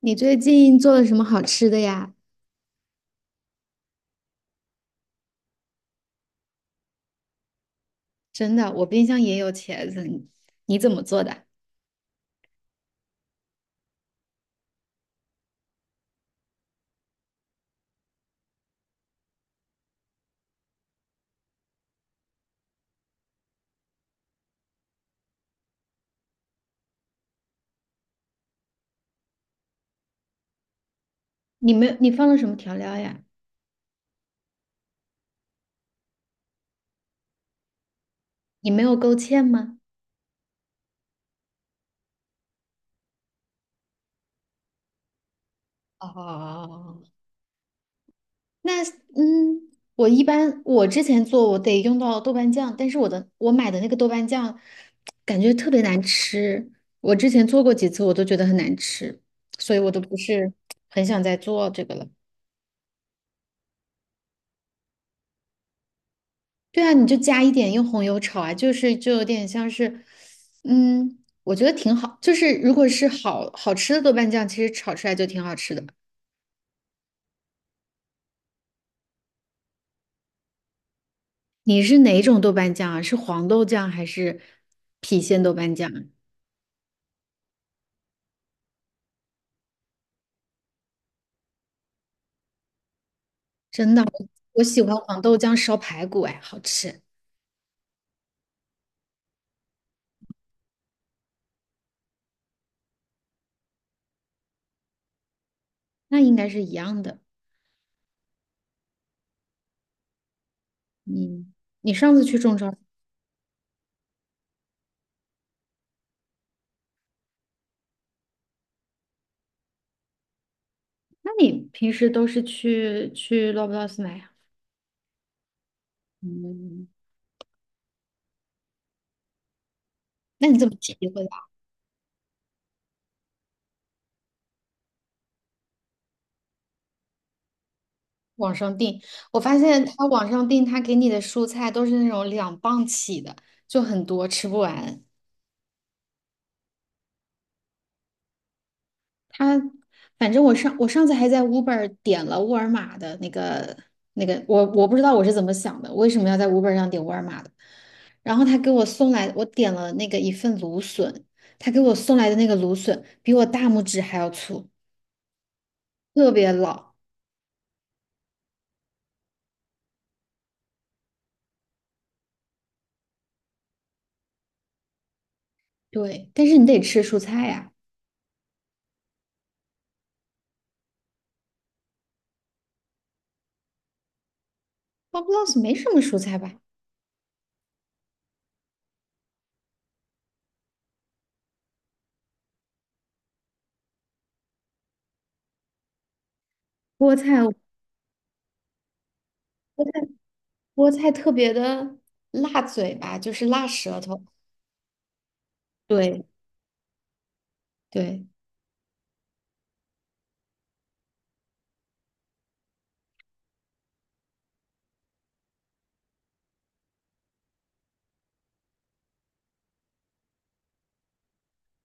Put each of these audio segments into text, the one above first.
你最近做了什么好吃的呀？真的，我冰箱也有茄子，你怎么做的？你没有，你放了什么调料呀？你没有勾芡吗？哦，那嗯，我一般我之前做我得用到豆瓣酱，但是我买的那个豆瓣酱感觉特别难吃，我之前做过几次我都觉得很难吃，所以我都不是很想再做这个了。对啊，你就加一点用红油炒啊，就是就有点像是，嗯，我觉得挺好。就是如果是好好吃的豆瓣酱，其实炒出来就挺好吃的。你是哪种豆瓣酱啊？是黄豆酱还是郫县豆瓣酱啊？真的，我喜欢黄豆酱烧排骨，哎，好吃。那应该是一样的。嗯，你上次去中超，那你平时都是去 Loblaws 买啊？嗯，那你怎么体会？网上订，我发现他网上订，他给你的蔬菜都是那种两磅起的，就很多，吃不完。他反正我上次还在 Uber 点了沃尔玛的那个那个，我不知道我是怎么想的，为什么要在 Uber 上点沃尔玛的？然后他给我送来，我点了那个一份芦笋，他给我送来的那个芦笋比我大拇指还要粗，特别老。对，但是你得吃蔬菜呀、我不知道是没什么蔬菜吧，菠菜。菠菜特别的辣嘴巴，就是辣舌头。对对，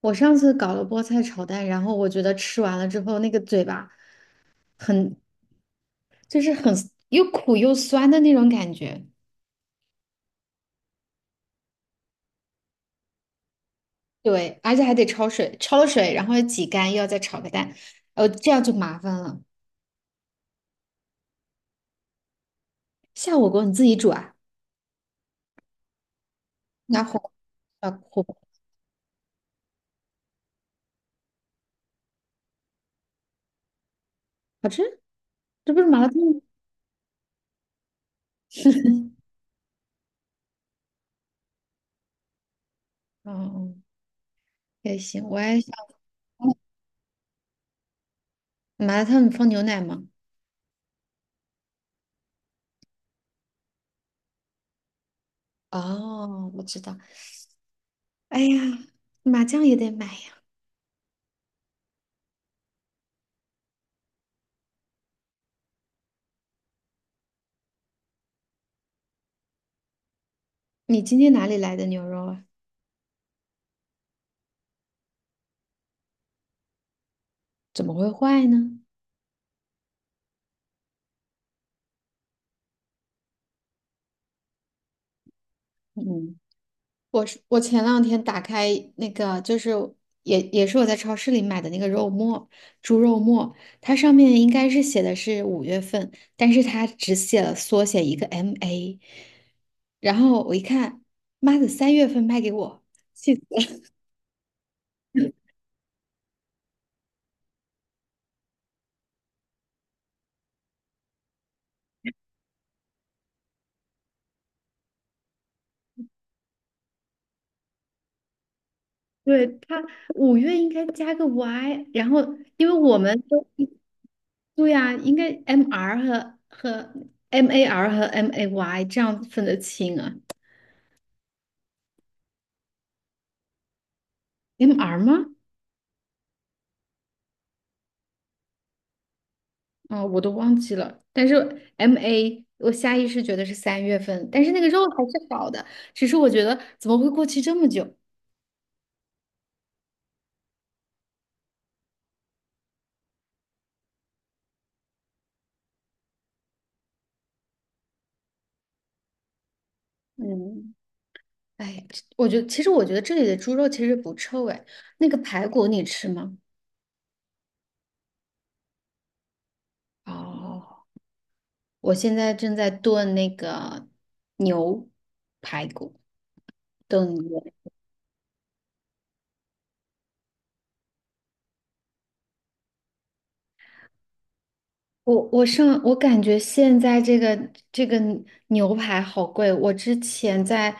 我上次搞了菠菜炒蛋，然后我觉得吃完了之后，那个嘴巴很，就是很又苦又酸的那种感觉。对，而且还得焯水，焯了水，然后要挤干，又要再炒个蛋，哦这样就麻烦了。下火锅你自己煮啊？拿火啊火好吃？这不是麻辣烫吗？哦，嗯也行，我也想麻辣烫，你放牛奶吗？哦，我知道。哎呀，麻酱也得买呀！你今天哪里来的牛肉啊？怎么会坏呢？嗯，我前两天打开那个，就是也是我在超市里买的那个肉末，猪肉末，它上面应该是写的是五月份，但是它只写了缩写一个 MA，然后我一看，妈的，三月份卖给我，气死了！对，它五月应该加个 Y，然后因为我们都。对呀、应该 MR 和 MAR 和 MAY 这样分得清啊，MR 吗？啊、我都忘记了。但是 MA 我下意识觉得是三月份，但是那个肉还是好的，只是我觉得怎么会过期这么久？嗯，哎，这我觉得其实我觉得这里的猪肉其实不臭哎，那个排骨你吃吗？哦，我现在正在炖那个牛排骨，炖。牛。我感觉现在这个牛排好贵，我之前在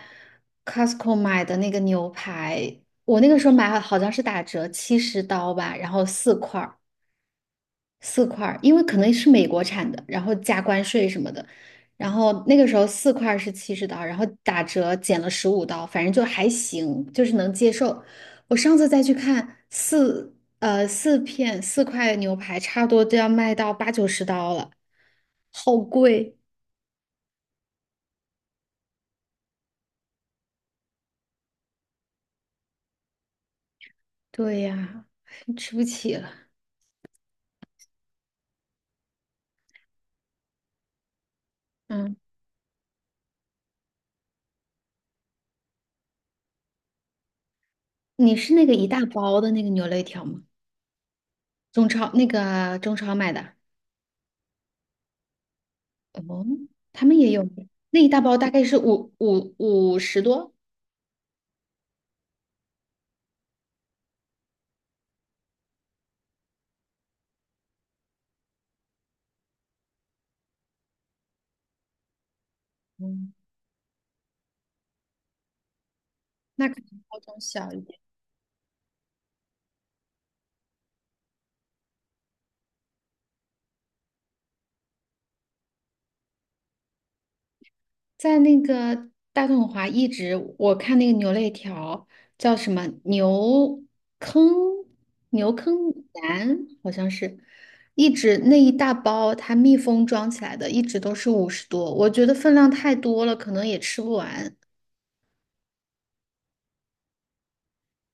Costco 买的那个牛排，我那个时候买好像是打折七十刀吧，然后四块儿四块儿因为可能是美国产的，然后加关税什么的，然后那个时候四块儿是七十刀，然后打折减了十五刀，反正就还行，就是能接受。我上次再去看四片四块牛排，差不多都要卖到八九十刀了。好贵，对呀，吃不起了。嗯，你是那个一大包的那个牛肋条吗？中超买的？哦，他们也有，那一大包大概是五十多。嗯，那可能包装小一点。在那个大统华一直，我看那个牛肋条叫什么牛坑牛坑腩，好像是，一直那一大包它密封装起来的，一直都是五十多，我觉得分量太多了，可能也吃不完。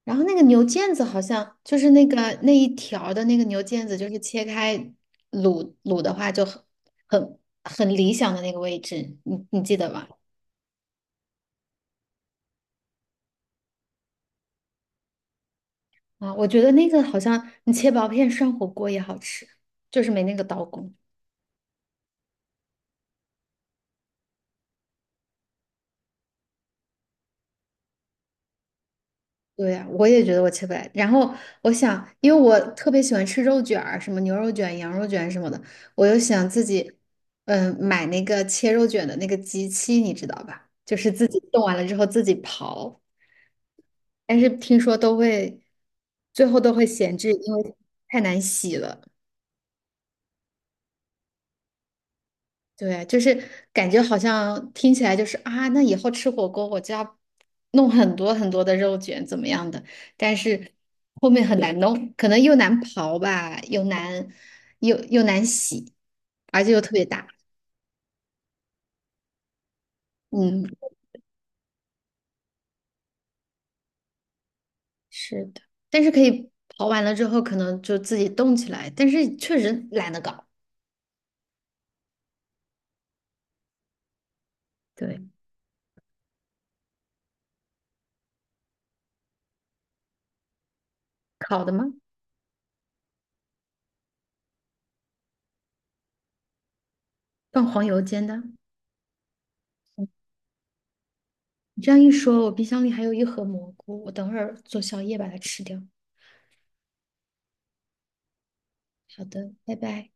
然后那个牛腱子好像就是那个那一条儿的那个牛腱子，就是切开卤的话就很很理想的那个位置，你记得吧？啊，我觉得那个好像你切薄片涮火锅也好吃，就是没那个刀工。对呀，我也觉得我切不来。然后我想，因为我特别喜欢吃肉卷儿什么牛肉卷、羊肉卷什么的，我又想自己，嗯，买那个切肉卷的那个机器，你知道吧？就是自己冻完了之后自己刨，但是听说都会，最后都会闲置，因为太难洗了。对，就是感觉好像听起来就是啊，那以后吃火锅我就要弄很多很多的肉卷怎么样的，但是后面很难弄，可能又难刨吧，又又难洗，而且又特别大。嗯，是的，但是可以刨完了之后可能就自己冻起来，但是确实懒得搞。对，烤的吗？放黄油煎的。你这样一说，我冰箱里还有一盒蘑菇，我等会儿做宵夜把它吃掉。好的，拜拜。